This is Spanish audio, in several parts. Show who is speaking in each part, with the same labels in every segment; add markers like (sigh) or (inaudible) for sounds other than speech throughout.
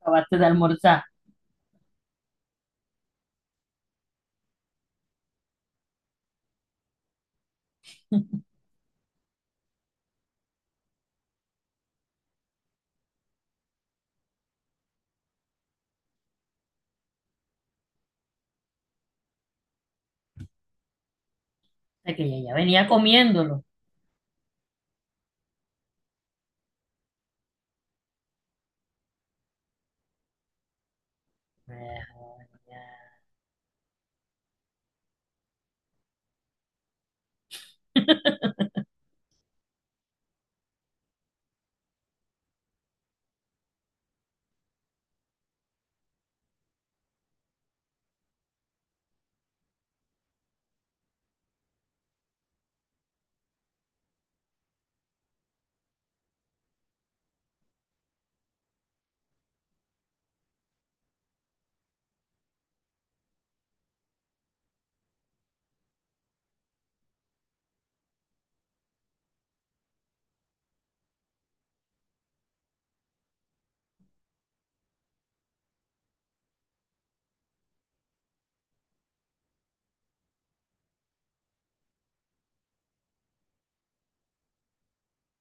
Speaker 1: Acabaste de almorzar. Que ella ya venía comiéndolo. Eh,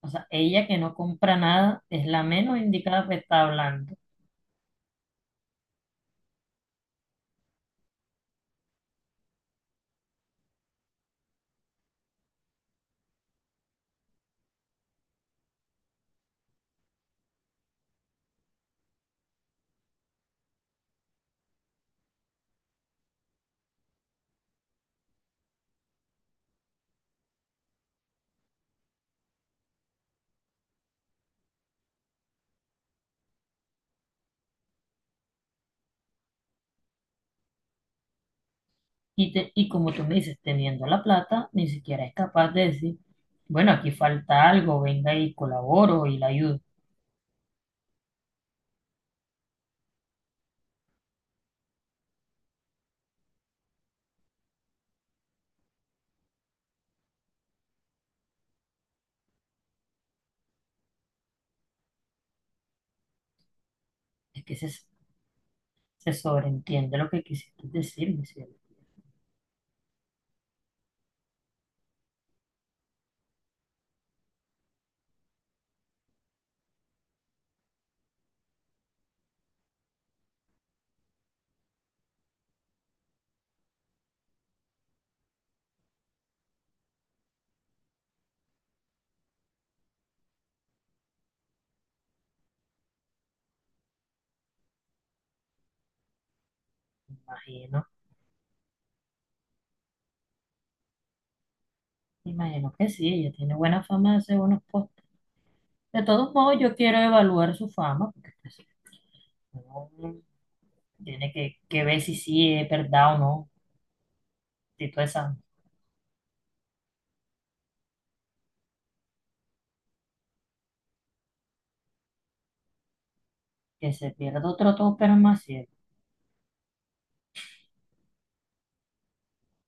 Speaker 1: O sea, ella que no compra nada es la menos indicada que está hablando. Y como tú me dices, teniendo la plata, ni siquiera es capaz de decir, bueno, aquí falta algo, venga y colaboro y la ayudo. Es que se, Se sobreentiende lo que quisiste decir, mi cielo. Imagino, Imagino que sí, ella tiene buena fama de hacer buenos postres. De todos modos, yo quiero evaluar su fama, porque pues, uno tiene que ver si sí es verdad o no. Si toda esa, Que se pierda otro todo, pero más cierto.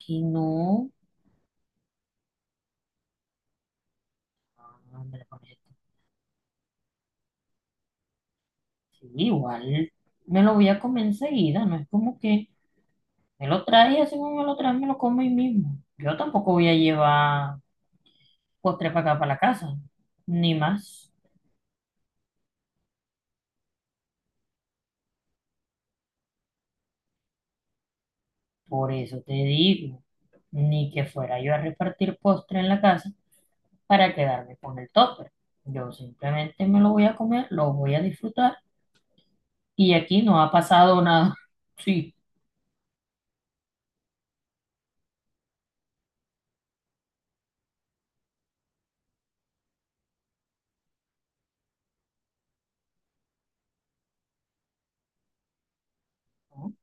Speaker 1: Que no. Ah, me lo comí. Sí, igual me lo voy a comer enseguida. No es como que me lo trae y así como me lo trae, me lo como ahí mismo. Yo tampoco voy a llevar postre para acá, para la casa. Ni más. Por eso te digo. Ni que fuera yo a repartir postre en la casa, para quedarme con el topper. Yo simplemente me lo voy a comer, lo voy a disfrutar y aquí no ha pasado nada. (laughs) Sí, no,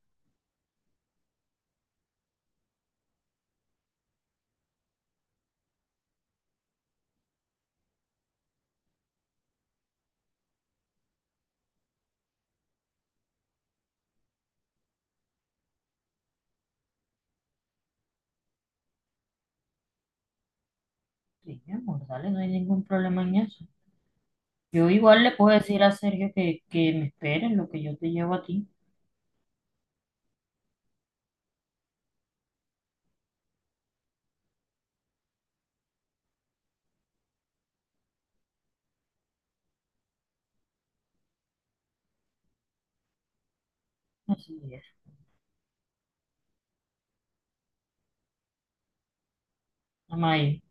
Speaker 1: sí, mi amor, dale, no hay ningún problema en eso. Yo igual le puedo decir a Sergio que me espere en lo que yo te llevo a ti. Así es. Amay,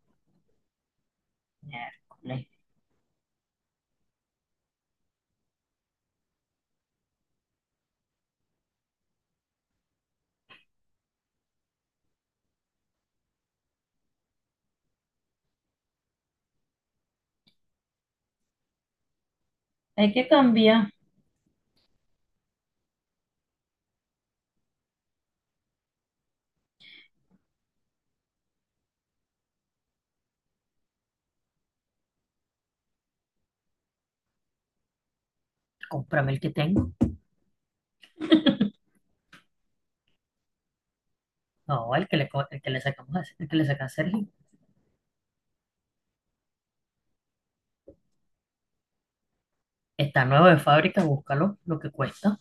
Speaker 1: miércoles. Hay que cambiar. Cómprame el que tengo. No, el que el que le sacamos, el que le saca a Sergio. Está nuevo de fábrica, búscalo, lo que cuesta.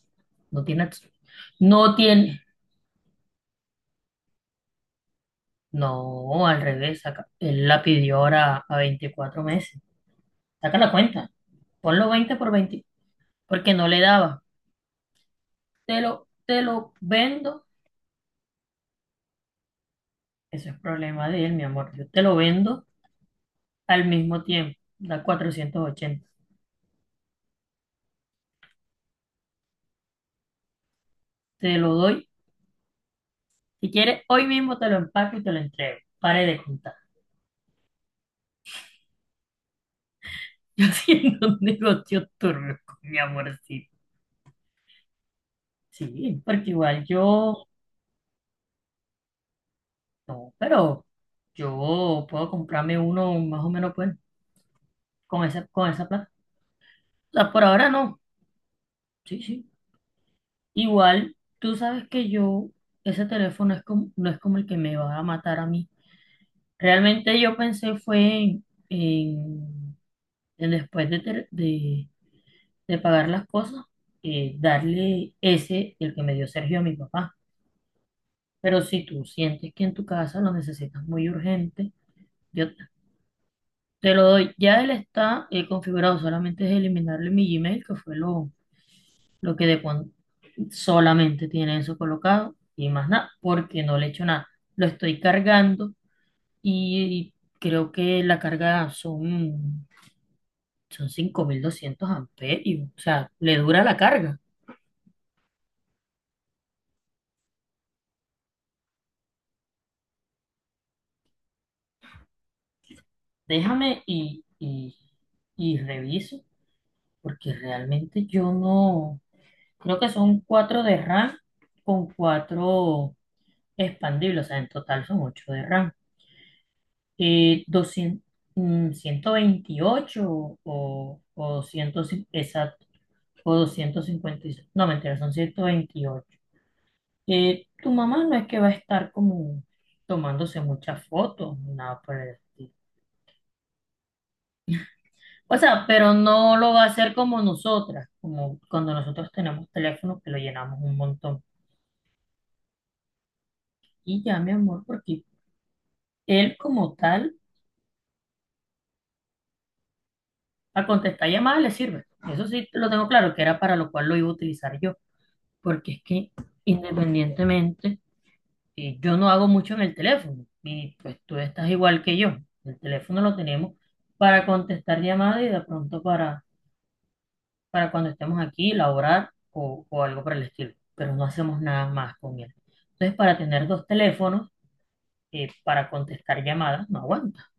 Speaker 1: No tiene, no tiene, no, al revés, él la pidió ahora a 24 meses. Saca la cuenta, ponlo 20 por 20, porque no le daba. Te lo vendo, eso es problema de él, mi amor. Yo te lo vendo al mismo tiempo, da cuatrocientos ochenta. Te lo doy, si quieres, hoy mismo te lo empaco y te lo entrego. Pare de contar. (laughs) Yo haciendo un negocio turbio con mi amorcito. Sí, porque igual yo, no, pero yo puedo comprarme uno más o menos pues, con con esa plata. O sea, por ahora no. Sí, sí. Igual, tú sabes que yo, ese teléfono es como, no es como el que me va a matar a mí. Realmente yo pensé fue en después de pagar las cosas, darle ese, el que me dio Sergio a mi papá. Pero si tú sientes que en tu casa lo necesitas muy urgente, yo te lo doy. Ya él está configurado, solamente es eliminarle mi Gmail, que fue lo que de, solamente tiene eso colocado y más nada, porque no le he hecho nada. Lo estoy cargando y creo que la carga son, son 5200 amperios. O sea, le dura la carga. Déjame y reviso, porque realmente yo no. Creo que son 4 de RAM con 4 expandibles. O sea, en total son 8 de RAM. Doscientos mm, 128 o 100, o 256. No, mentira, son ciento veintiocho. Tu mamá no es que va a estar como tomándose muchas fotos, ni nada por el estilo. O sea, pero no lo va a hacer como nosotras, como cuando nosotros tenemos teléfono que lo llenamos un montón. Y ya, mi amor, porque él como tal, a contestar llamadas le sirve. Eso sí, lo tengo claro, que era para lo cual lo iba a utilizar yo, porque es que independientemente. Y yo no hago mucho en el teléfono. Y pues tú estás igual que yo. El teléfono lo tenemos para contestar llamadas y de pronto para cuando estemos aquí, laborar o algo por el estilo. Pero no hacemos nada más con él. Entonces, para tener dos teléfonos, para contestar llamadas, no aguanta.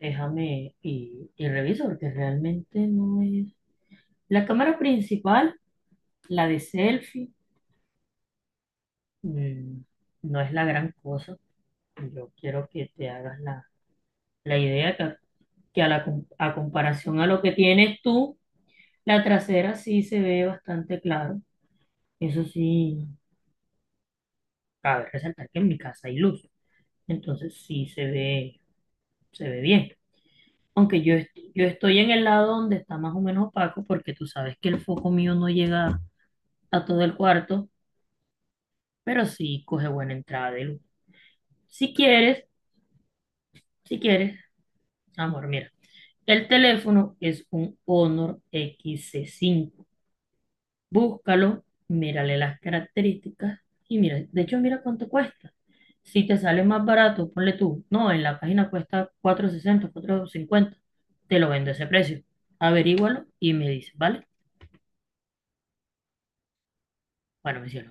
Speaker 1: Déjame y reviso porque realmente no es... La cámara principal, la de selfie, mm, no es la gran cosa. Yo quiero que te hagas la idea que a la a comparación a lo que tienes tú, la trasera sí se ve bastante claro. Eso sí, cabe resaltar que en mi casa hay luz, entonces sí se ve bien. Yo estoy en el lado donde está más o menos opaco, porque tú sabes que el foco mío no llega a todo el cuarto, pero sí coge buena entrada de luz. Si quieres, si quieres, amor, mira, el teléfono es un Honor XC5. Búscalo, mírale las características y mira, de hecho, mira cuánto cuesta. Si te sale más barato, ponle tú, no, en la página cuesta cuatrocientos, sesenta, cuatrocientos cincuenta. Te lo vendo a ese precio. Averígualo y me dices, ¿vale? Bueno, me cielo,